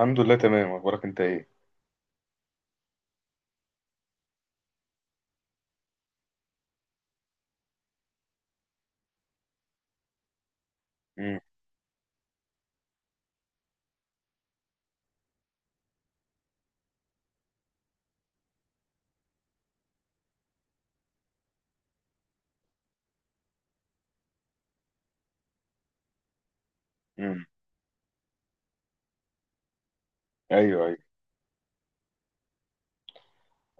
الحمد لله، تمام. اخبارك انت ايه؟ امم، امم. ايوه، ايوه.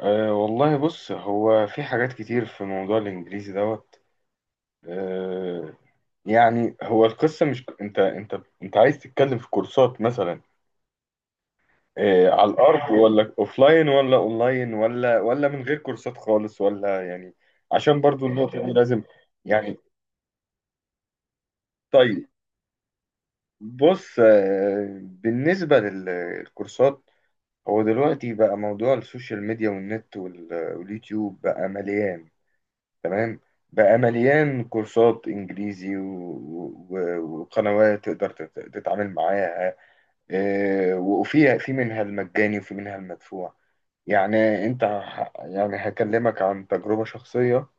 أه، والله بص، هو في حاجات كتير في موضوع الانجليزي دوت. أه. يعني هو القصه، مش انت عايز تتكلم في كورسات مثلا؟ أه، على الارض، ولا اوفلاين ولا اونلاين ولا من غير كورسات خالص، ولا يعني؟ عشان برضو النقطه دي لازم. يعني، طيب. بص، بالنسبه للكورسات، هو دلوقتي بقى موضوع السوشيال ميديا والنت واليوتيوب بقى مليان. تمام. بقى مليان كورسات انجليزي وقنوات تقدر تتعامل معاها. وفيها في منها المجاني وفي منها المدفوع. يعني انت هكلمك عن تجربة شخصية.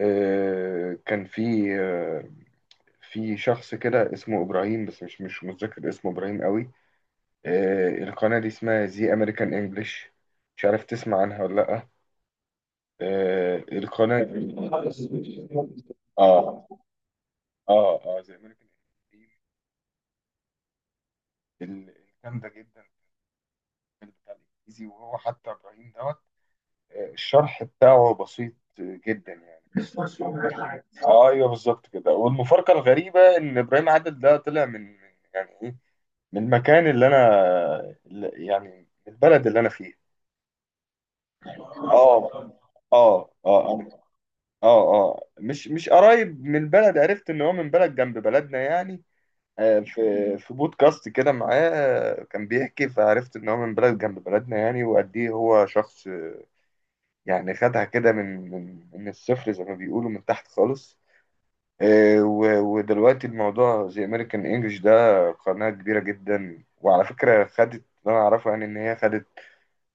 كان في آه، في شخص كده اسمه ابراهيم، بس مش متذكر اسمه ابراهيم قوي. القناة دي اسمها زي أمريكان إنجلش. مش عارف تسمع عنها ولا لأ؟ القناة دي، آه زي أمريكان إنجلش الجامدة جدا في بتاع الإنجليزي، وهو حتى إبراهيم دوت. الشرح بتاعه بسيط جدا يعني. آه، أيوه، بالظبط كده. والمفارقة الغريبة إن إبراهيم عادل ده طلع يعني إيه، من المكان اللي يعني، من البلد اللي أنا فيه. آه، آه، آه. اه، اه، مش قريب من البلد، عرفت ان هو من بلد جنب بلدنا يعني. آه، في في بودكاست كده معاه، كان بيحكي، فعرفت ان هو من بلد جنب بلدنا يعني، وقد ايه هو شخص. يعني خدها كده من الصفر، زي ما بيقولوا، من تحت خالص. ودلوقتي الموضوع زي امريكان انجلش ده قناة كبيرة جدا، وعلى فكرة خدت، اللي انا اعرفه يعني ان هي خدت،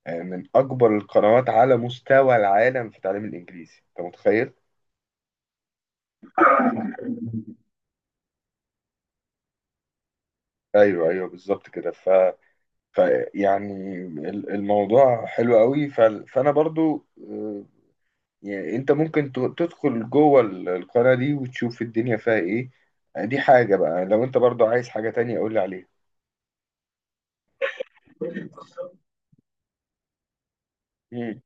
من اكبر القنوات على مستوى العالم في تعليم الانجليزي. انت متخيل؟ ايوه، ايوه، بالظبط كده. ف... ف يعني الموضوع حلو قوي. فانا برضو، يعني انت ممكن تدخل جوه القناه دي وتشوف الدنيا فيها ايه. دي حاجه، بقى لو انت برضو عايز حاجه تانية قول لي عليها. مم.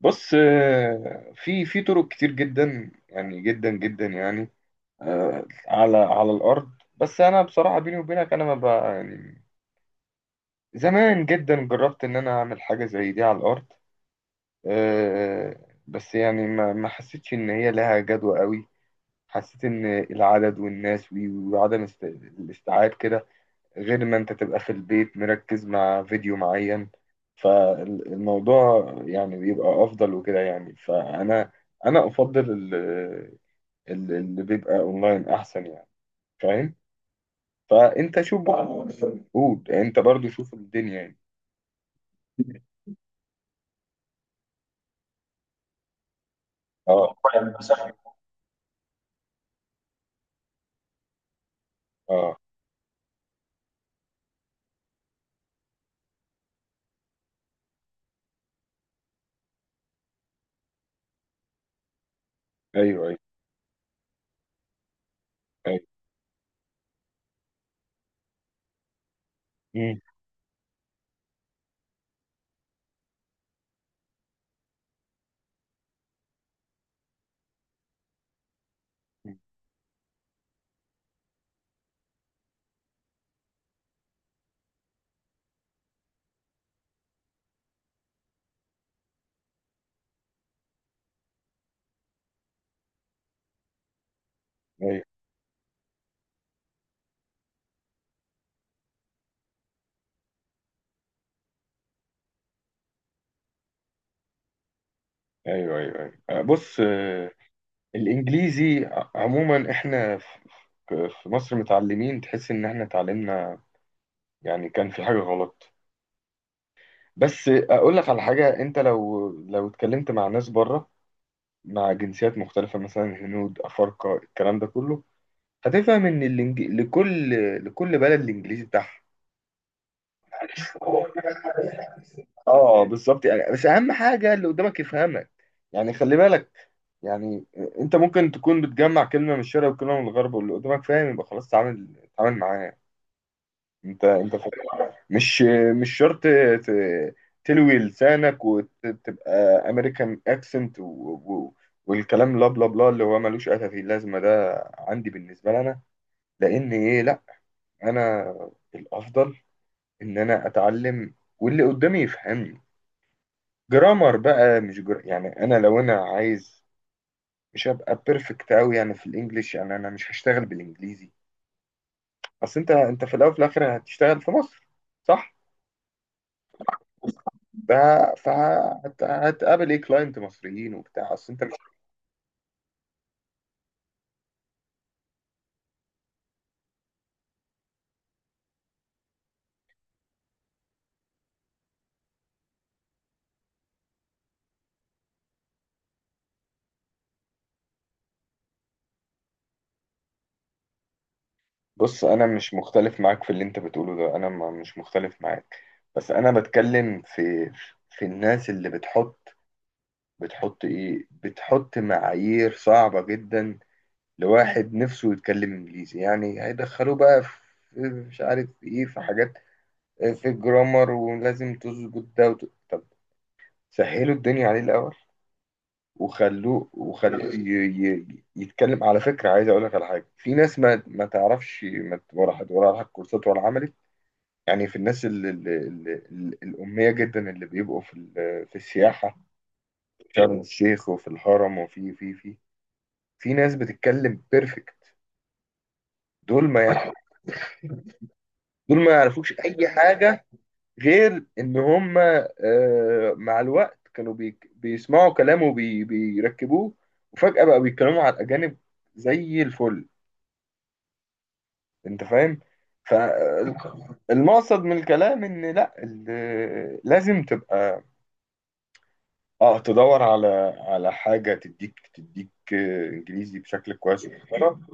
بص، في طرق كتير جدا يعني، جدا جدا يعني، على الارض. بس انا بصراحه، بيني وبينك، انا ما بقى يعني، زمان جدا جربت ان انا اعمل حاجه زي دي على الارض، آه، بس يعني ما حسيتش ان هي لها جدوى قوي. حسيت ان العدد والناس وعدم الاستيعاب كده، غير ما انت تبقى في البيت مركز مع فيديو معين. فالموضوع يعني بيبقى افضل وكده يعني، فانا انا افضل اللي بيبقى اونلاين احسن يعني. فاهم. فانت شوف بقى، قول انت برضو، شوف الدنيا يعني. اه، اه. ايوه، ايوه، ايوه. مم. أيوة. ايوه، ايوه، ايوه. بص، الانجليزي عموما، احنا ف- في مصر متعلمين، تحس ان احنا اتعلمنا يعني كان في حاجه غلط. بس اقول لك على حاجه، انت لو اتكلمت مع ناس بره، مع جنسيات مختلفه، مثلا هنود افارقه، الكلام ده كله، هتفهم ان لكل بلد الانجليزي بتاعها. اه، بالظبط يعني، بس اهم حاجه اللي قدامك يفهمك، يعني خلي بالك، يعني، انت ممكن تكون بتجمع كلمه من الشرق وكلمه من الغرب، واللي قدامك فاهم، يبقى خلاص تعامل تعامل معاه. انت فاهم؟ مش مش شرط ت- تلوي لسانك وتبقى امريكان اكسنت والكلام، لا بلا بلا، اللي هو ملوش اي في اللازمه، ده عندي بالنسبه لي انا، لان ايه، لا، انا الافضل ان انا اتعلم واللي قدامي يفهمني. جرامر بقى، مش جر... يعني انا لو انا عايز، مش هبقى بيرفكت قوي يعني في الانجليش، يعني انا مش هشتغل بالانجليزي. اصل انت في الاول وفي الاخر هتشتغل في مصر، صح؟ ده فهتقابل ايه، كلاينت مصريين وبتاع، اصل انت مش. بص انا مش مختلف معاك في اللي انت بتقوله ده، انا مش مختلف معاك. بس انا بتكلم في الناس اللي بتحط، بتحط ايه، بتحط معايير صعبة جدا لواحد نفسه يتكلم انجليزي، يعني هيدخلوه بقى في، مش عارف، في ايه، في حاجات، في الجرامر، ولازم تظبط ده طب سهلوا الدنيا عليه الاول، وخلوه يتكلم. على فكره عايز اقول لك على حاجه، في ناس ما تعرفش، ما ت- ولا حد ولا على كورسات ولا عملت، يعني في الناس الاميه جدا، اللي بيبقوا في في السياحه، في شرم الشيخ وفي الهرم وفي في في في ناس بتتكلم بيرفكت. دول ما يعرف- دول ما يعرفوش اي حاجه، غير ان هم، مع الوقت كانوا بيسمعوا كلامه بيركبوه وفجأة بقى بيتكلموا على الأجانب زي الفل. انت فاهم؟ فالمقصد من الكلام، ان لا، لازم تبقى، اه، تدور على حاجة تديك، انجليزي بشكل كويس ومحترم.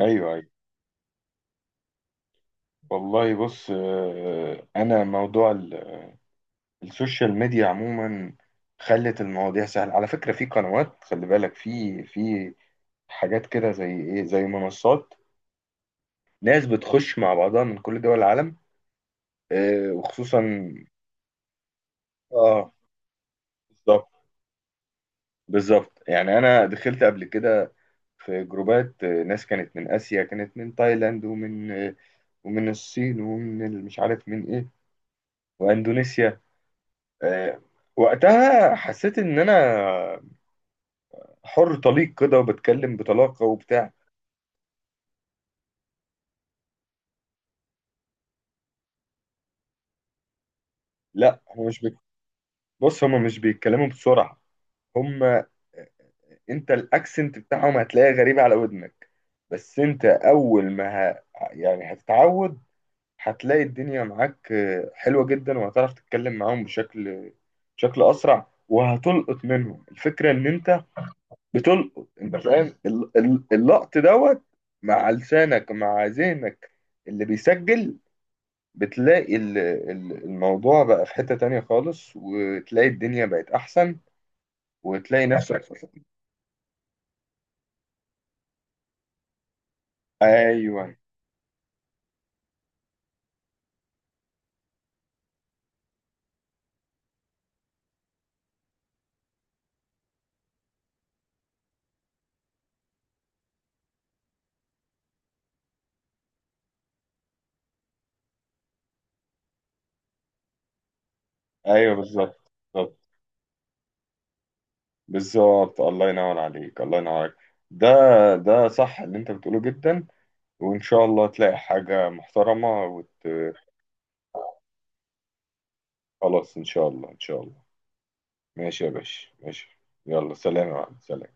ايوه، ايوه. والله بص، انا موضوع السوشيال ميديا عموما خلت المواضيع سهلة. على فكرة في قنوات، خلي بالك، في حاجات كده زي ايه، زي منصات، ناس بتخش مع بعضها من كل دول العالم، وخصوصا. اه، بالظبط بالظبط. يعني انا دخلت قبل كده في جروبات، ناس كانت من اسيا، كانت من تايلاند ومن، ومن الصين ومن مش عارف من ايه، واندونيسيا. آه وقتها حسيت ان انا حر طليق كده، وبتكلم بطلاقة وبتاع. لا هو مش بي... بص هما مش بيتكلموا بسرعة. هما انت الاكسنت بتاعهم هتلاقيه غريب على ودنك، بس انت اول ما ه... يعني هتتعود، هتلاقي الدنيا معاك حلوة جدا، وهتعرف تتكلم معاهم بشكل اسرع، وهتلقط منهم الفكرة ان انت بتلقط. انت فاهم اللقط دوت، مع لسانك، مع ذهنك اللي بيسجل. بتلاقي الموضوع بقى في حتة تانية خالص، وتلاقي الدنيا بقت احسن، وتلاقي نفسك. ايوه، ايوه، بالظبط بالظبط. بالظبط. الله ينور عليك، الله ينور عليك. ده ده صح اللي انت بتقوله جدا. وان شاء الله تلاقي حاجة محترمة خلاص، ان شاء الله، ان شاء الله. ماشي يا باشا، ماشي. يلا، سلام يا معلم، سلام.